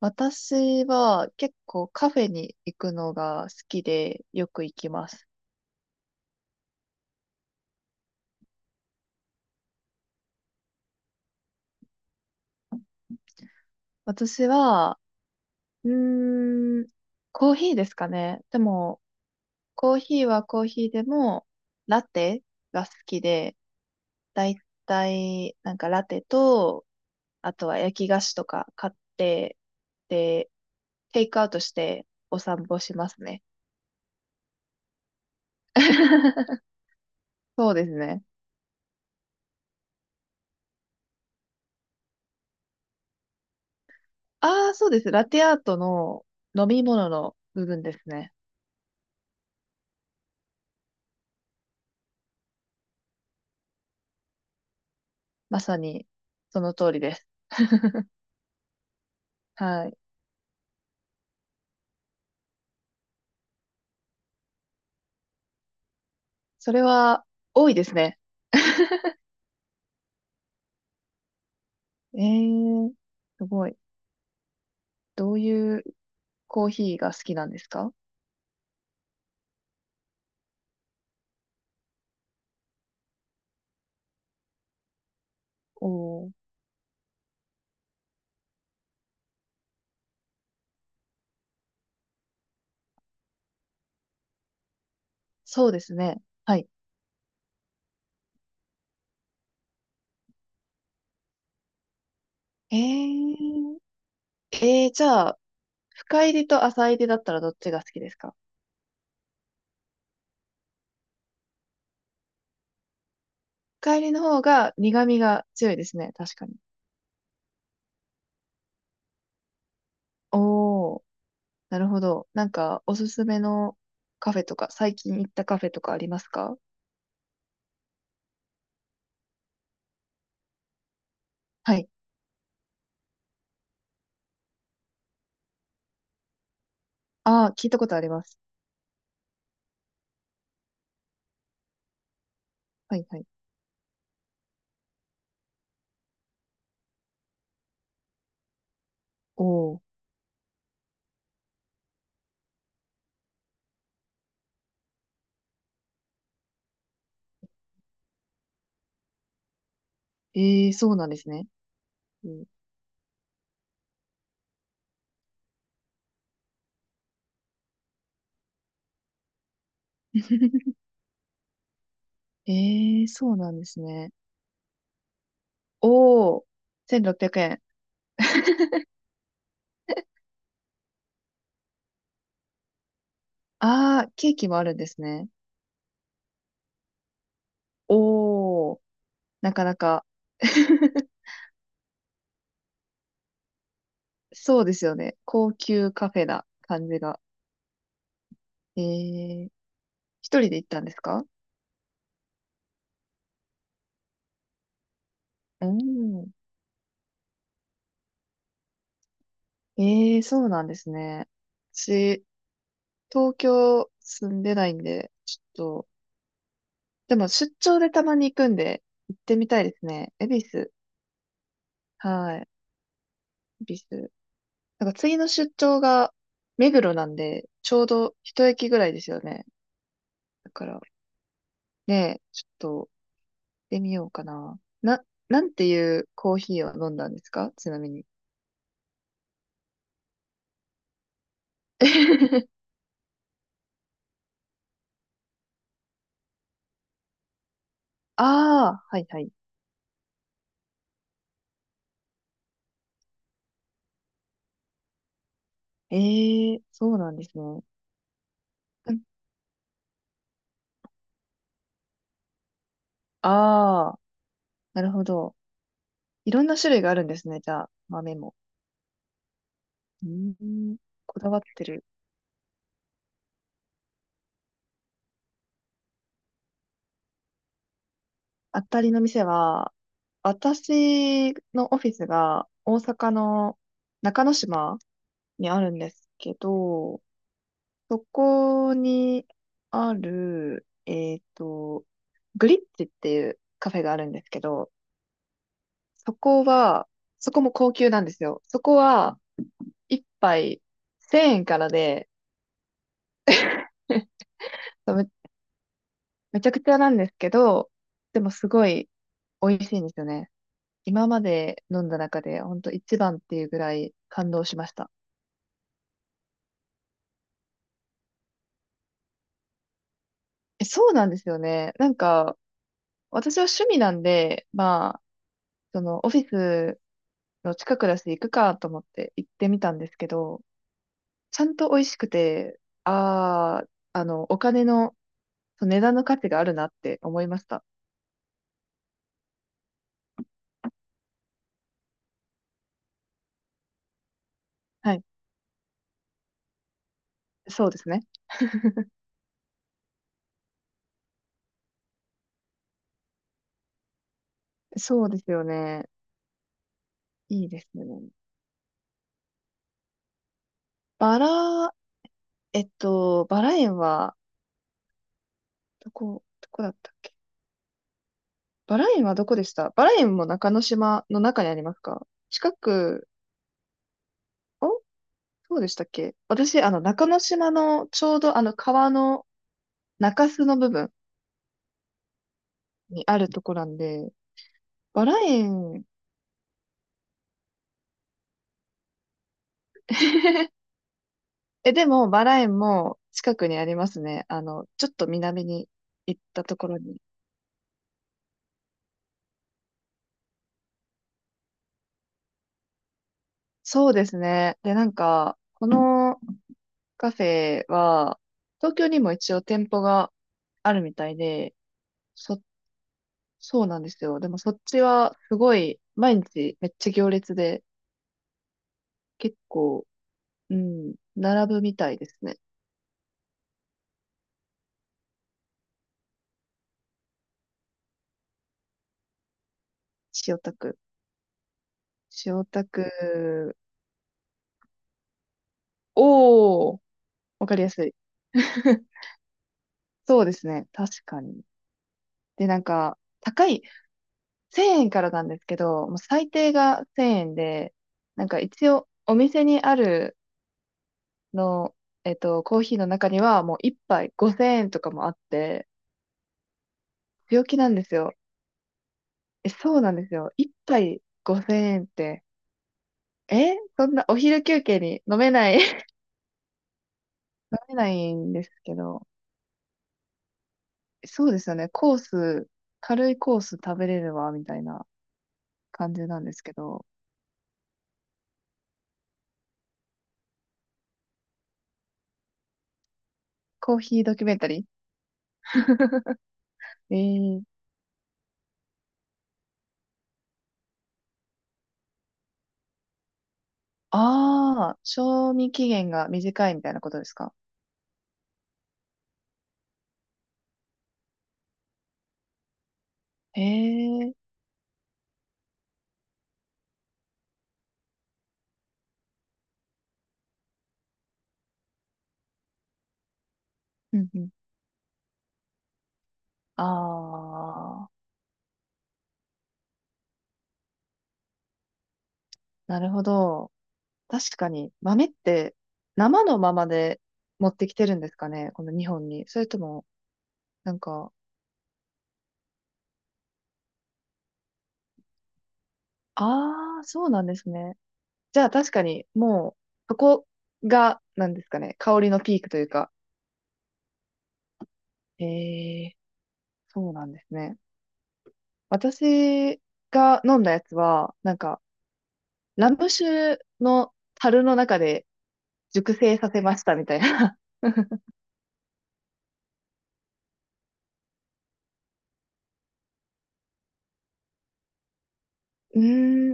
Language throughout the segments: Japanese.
私は結構カフェに行くのが好きでよく行きます。私は、うーん、コーヒーですかね。でも、コーヒーはコーヒーでも、ラテが好きで、だいたい、なんかラテと、あとは焼き菓子とか買って、で、テイクアウトしてお散歩しますね。そうですね。ああ、そうです。ラテアートの飲み物の部分ですね。まさにその通りです。はい。それは多いですね。えー、すごい。どういうコーヒーが好きなんですか？おー、そうですね。はい。えー、じゃあ、深入りと浅入りだったらどっちが好きですか？深入りの方が苦味が強いですね。確かに。おー、なるほど。なんか、おすすめのカフェとか、最近行ったカフェとかありますか？はい。ああ、聞いたことあります。はいはい。おお。ええ、そうなんですね。うん、ええ、そうなんですね。おー、1600円。ああ、ケーキもあるんですね。おー、なかなか。 そうですよね。高級カフェな感じが。ええ、一人で行ったんですか？うん。ええ、そうなんですね。私、東京住んでないんで、ちょっと、でも出張でたまに行くんで、行ってみたいですね。恵比寿。はい。恵比寿。なんか次の出張が目黒なんで、ちょうど一駅ぐらいですよね。だからね、ちょっと行ってみようかな。な、なんていうコーヒーを飲んだんですか？ちなみに。ああ、はいはい。ええー、そうなんですね。ああ、なるほど。いろんな種類があるんですね、じゃあ、豆も。うーん、こだわってる。あたりの店は、私のオフィスが大阪の中之島にあるんですけど、そこにある、グリッチっていうカフェがあるんですけど、そこは、そこも高級なんですよ。そこは、一杯1000円からで、そうめ、めちゃくちゃなんですけど、でもすごい美味しいんですよね。今まで飲んだ中で、ほんと一番っていうぐらい感動しました。え、そうなんですよね。なんか、私は趣味なんで、まあ、そのオフィスの近くだし行くかと思って行ってみたんですけど、ちゃんと美味しくて、あお金の、その値段の価値があるなって思いました。はい。そうですね。そうですよね。いいですね。バラ、バラ園は、どこだったっけ？バラ園はどこでした？バラ園も中之島の中にありますか？近く、お、そうでしたっけ？私、あの、中之島のちょうどあの川の中州の部分にあるとこなんで、バラ園、え、でもバラ園も近くにありますね。あの、ちょっと南に行ったところに。そうですね。で、なんか、このカフェは、東京にも一応店舗があるみたいで、そ、そうなんですよ。でもそっちはすごい、毎日めっちゃ行列で、結構、うん、並ぶみたいですね。千代田区。千代田区、おー、わかりやすい。そうですね。確かに。で、なんか、高い、1000円からなんですけど、もう最低が1000円で、なんか一応、お店にあるの、コーヒーの中には、もう1杯5000円とかもあって、病気なんですよ。え、そうなんですよ。1杯5000円って、え、そんなお昼休憩に飲めない。 飲めないんですけど、そうですよね。コース、軽いコース食べれるわ、みたいな感じなんですけど、コーヒードキュメンタリー。 えー、ああ、賞味期限が短いみたいなことですか？へえ、うんうん。ああ、なるほど。確かに、豆って生のままで持ってきてるんですかね、この日本に。それとも、なんか、ああ、そうなんですね。じゃあ確かに、もう、そこが、なんですかね、香りのピークというか。へえ、そうなんですね。私が飲んだやつは、なんか、ラム酒の樽の中で、熟成させましたみたいな。うー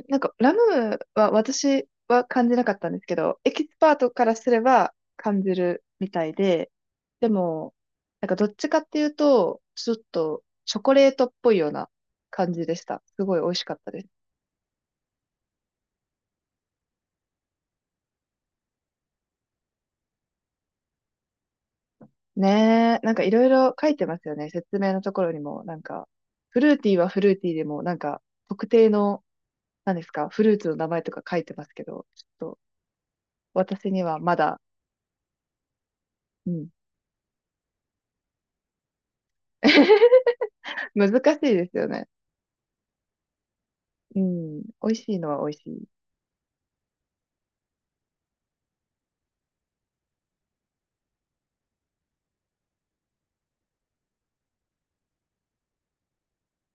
ん、なんかラムは私は感じなかったんですけど、エキスパートからすれば感じるみたいで、でも、なんかどっちかっていうと、ちょっとチョコレートっぽいような感じでした。すごい美味しかったです。ねえ、なんかいろいろ書いてますよね。説明のところにも、なんか、フルーティーはフルーティーでも、なんか、特定の、何ですか、フルーツの名前とか書いてますけど、ちょっと、私にはまだ、うん、難しいですよね。うん、美味しいのは美味しい。